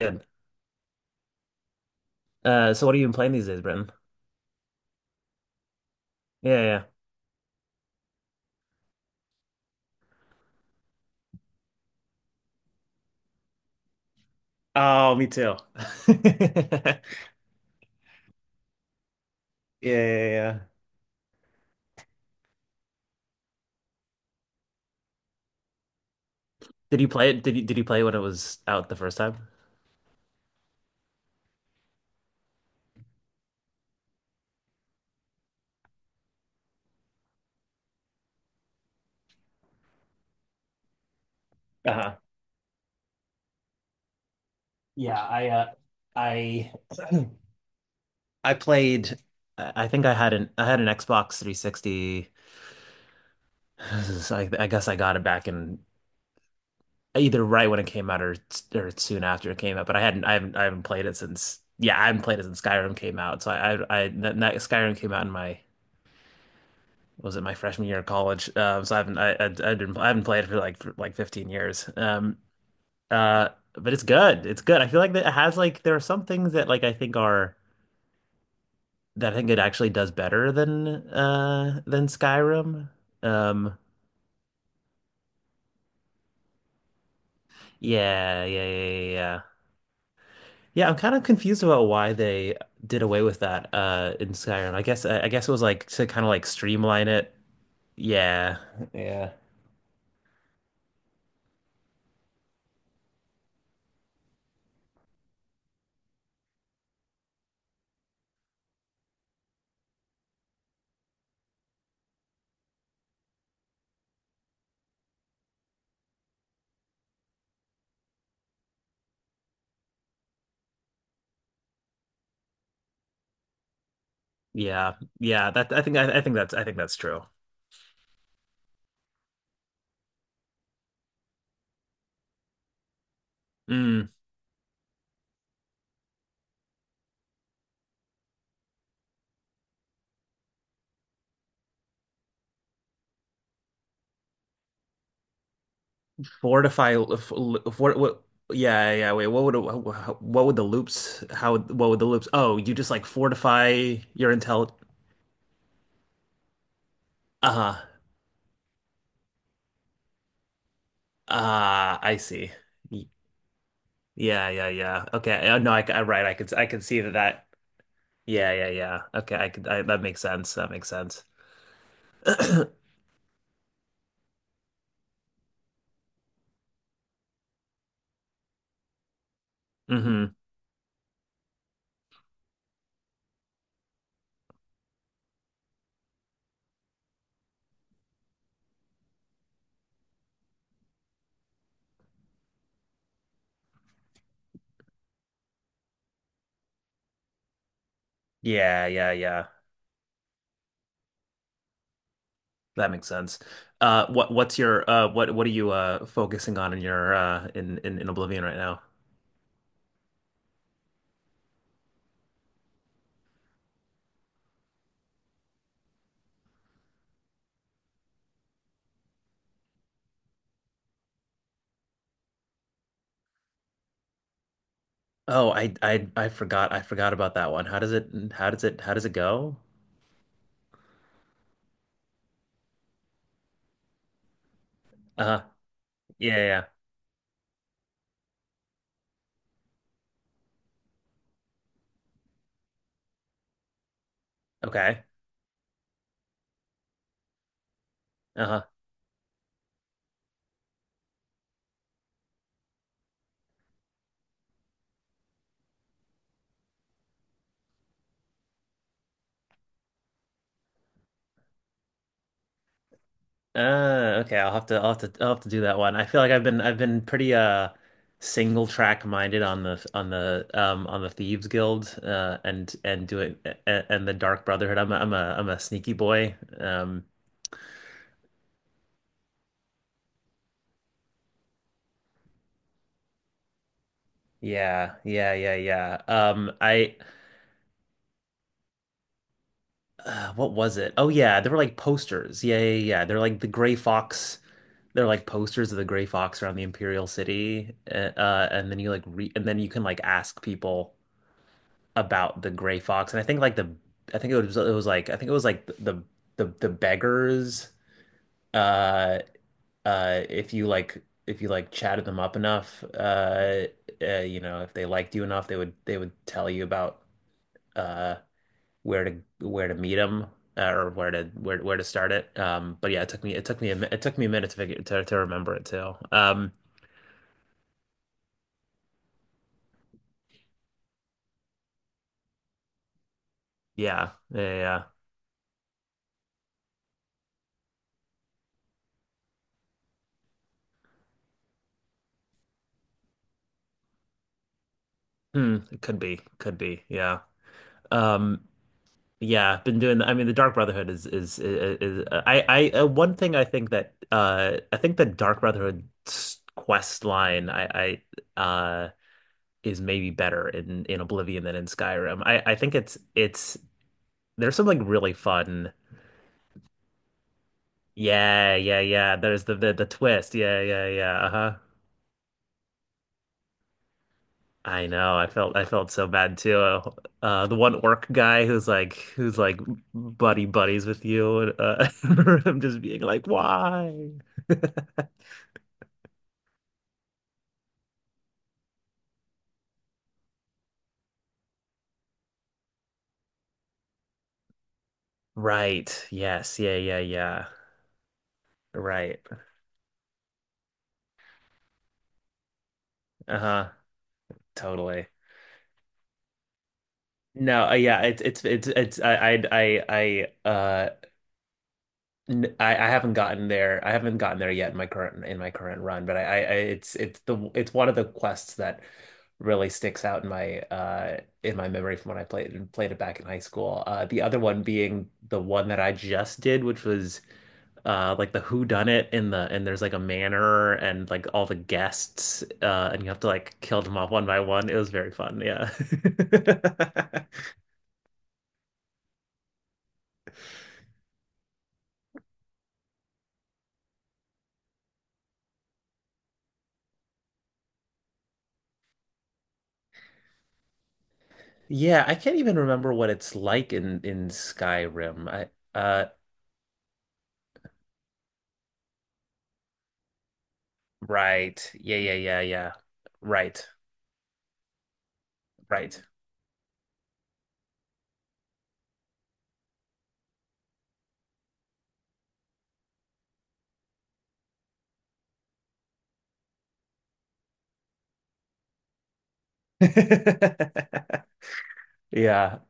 Good. So what have you been playing these days, Brenton? Yeah, yeah. Oh, me too. yeah. Yeah, yeah, did you play it? Did you play it when it was out the first time? Yeah. Uh-huh. Yeah, I I played. I think I had an Xbox 360. I guess I got it back in either right when it came out or soon after it came out. But I haven't played it since yeah I haven't played it since Skyrim came out. So I that, that Skyrim came out in my was it my freshman year of college? So I haven't I didn't I haven't played for like 15 years. But it's good. It's good. I feel like that it has like there are some things that like I think are that I think it actually does better than Skyrim. Um, yeah, yeah, yeah, yeah. Yeah, yeah, I'm kind of confused about why they did away with that in Skyrim. I guess it was like to kind of like streamline it. Yeah, yeah, yeah, yeah. That I think that's I think that's true. Mm. Fortify, f- l- for, what, yeah, yeah, wait, what would the loops, how, would what would the loops, oh, you just like fortify your uh-huh, I see. Y- Yeah, yeah, yeah, okay, no, I, right, I could see that. Yeah, yeah, yeah, okay, that makes sense, that makes sense. Mm-hmm, yeah, yeah, yeah, that makes sense. What's your, what are you, focusing on in your, in Oblivion right now? Oh, I forgot. I forgot about that one. How does it how does it how does it go? Uh, yeah, yeah. Yeah. Okay. Uh-huh. Okay, I'll have to do that one. I feel like I've been pretty single track minded on the on the Thieves Guild and doing and the Dark Brotherhood. I'm a sneaky boy. Yeah, yeah, yeah, yeah. I what was it? Oh yeah, there were like posters. Yeah, yeah, yeah. Yeah. They're like the Gray Fox they're like posters of the Gray Fox around the Imperial City, and then you like re and then you can like ask people about the Gray Fox. And I think like the I think it was like I think it was like the the beggars. Uh, if you like chatted them up enough, you know, if they liked you enough, they would tell you about uh where to where to meet them. Or where to start it. But yeah, it took me it took me a minute to figure to remember it too. Yeah, yeah, yeah. Yeah. Hmm, it could be, could be. Yeah. Um, yeah, been doing I mean, the Dark Brotherhood is I one thing I think that I think the Dark Brotherhood quest line I is maybe better in Oblivion than in Skyrim. I think it's there's something really fun. Yeah, yeah, yeah. There's the twist. Yeah, yeah, yeah. Uh-huh. I know. I felt so bad too. The one orc guy who's like buddy buddies with you. And, uh, I'm just being like, why? Right. Yes. Yeah. Yeah. Yeah. Right. Uh-huh. Totally. No. Yeah. It's I I. I haven't gotten there. I haven't gotten there yet in my current run, but it's the it's one of the quests that really sticks out in my memory from when I played it back in high school. The other one being the one that I just did, which was like the who done it in the and there's like a manor and like all the guests and you have to like kill them off one by one. It was very fun. Yeah. Yeah, I can't even remember what it's like in Skyrim. I Right. Yeah, yeah, yeah, yeah. Right. Right. Yeah.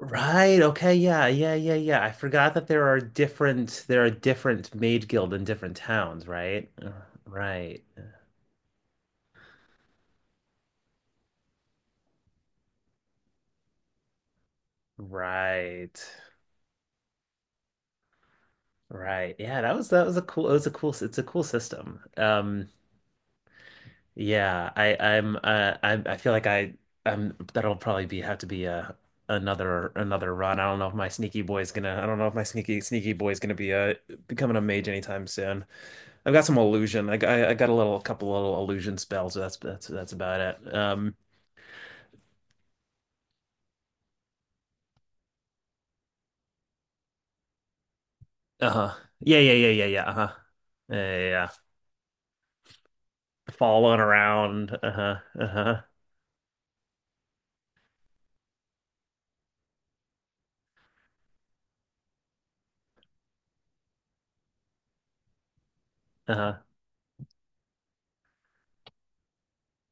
Right. Okay. Yeah. Yeah. Yeah. Yeah. I forgot that there are different maid guild in different towns, right? Right. Right. Right. Yeah, that was a cool it was a cool it's a cool system. Yeah, I feel like I I'm that'll probably be have to be a another run. I don't know if my sneaky boy is gonna I don't know if my sneaky boy is gonna be becoming a mage anytime soon. I've got some illusion. I got a little couple little illusion spells. That's about it. Uh-huh. Yeah, yeah, yeah, yeah, yeah. Uh-huh. Yeah, yeah, yeah. Following around. Uh-huh. Uh-huh. Uh-huh.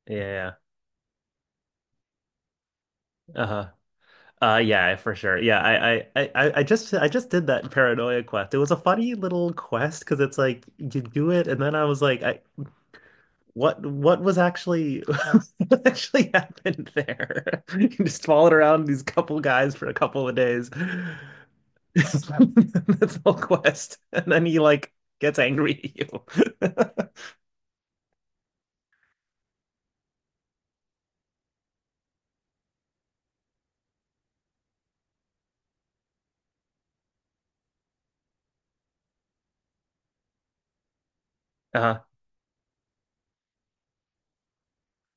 Yeah, yeah. Yeah. Uh-huh. Yeah, for sure. Yeah, I just did that paranoia quest. It was a funny little quest because it's like you do it and then I was like I what was actually what actually happened there? You just followed around these couple guys for a couple of days. That's the whole quest. And then he like gets angry at you. Uh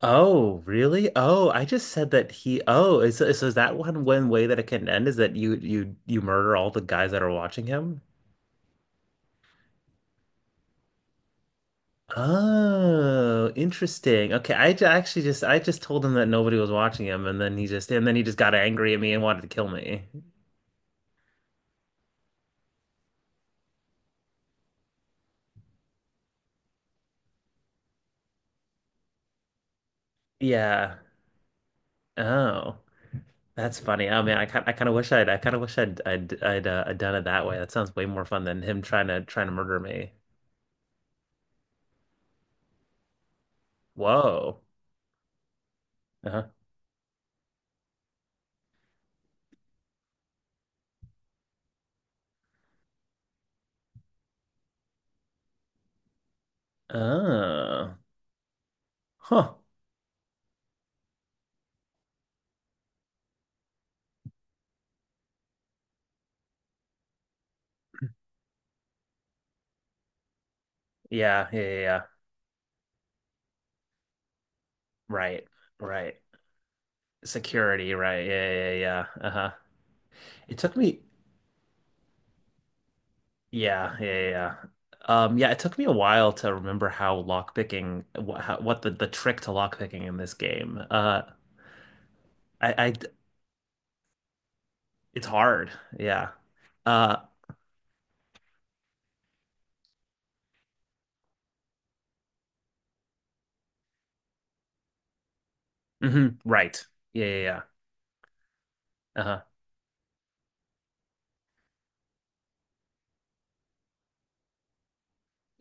oh, really? Oh, I just said that he. oh, is so is that one one way that it can end is that you murder all the guys that are watching him? Oh, interesting. Okay, I just told him that nobody was watching him, and then he just got angry at me and wanted to kill me. Yeah. Oh, that's funny. Oh man, I kind of wish I'd I kind of wish I'd done it that way. That sounds way more fun than him trying to murder me. Whoa. Uh-huh. Oh. Huh. Yeah, yeah, yeah. Yeah. Right, right. Security, right. Yeah, yeah, yeah. Uh-huh. It took me yeah, yeah, yeah. Yeah. Yeah, it took me a while to remember how lockpicking what how, what the trick to lockpicking in this game. I it's hard. Yeah. Uh hmm right. Yeah, yeah, yeah. Uh-huh.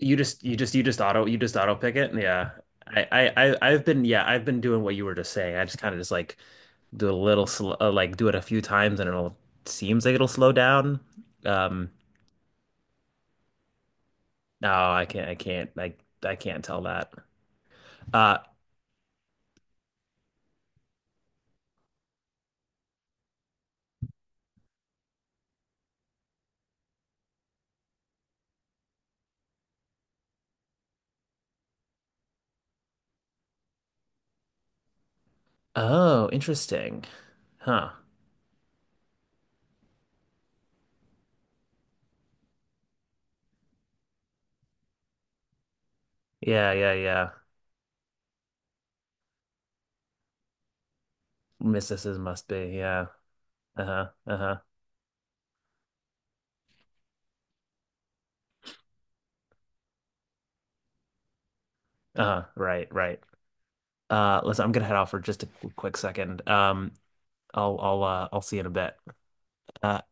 You just auto pick it. Yeah. I I've been yeah, I've been doing what you were just saying. I just kind of just like do a little sl like do it a few times and it'll seems like it'll slow down. Um, no, I can't, I can't, I, I can't tell that. Uh, oh, interesting. Huh. Yeah, yeah, yeah. Mysticism must be. Yeah. Uh-huh. Uh-huh. Uh-huh. Right, right. Listen, I'm gonna head off for just a quick second. I'll see you in a bit. Uh,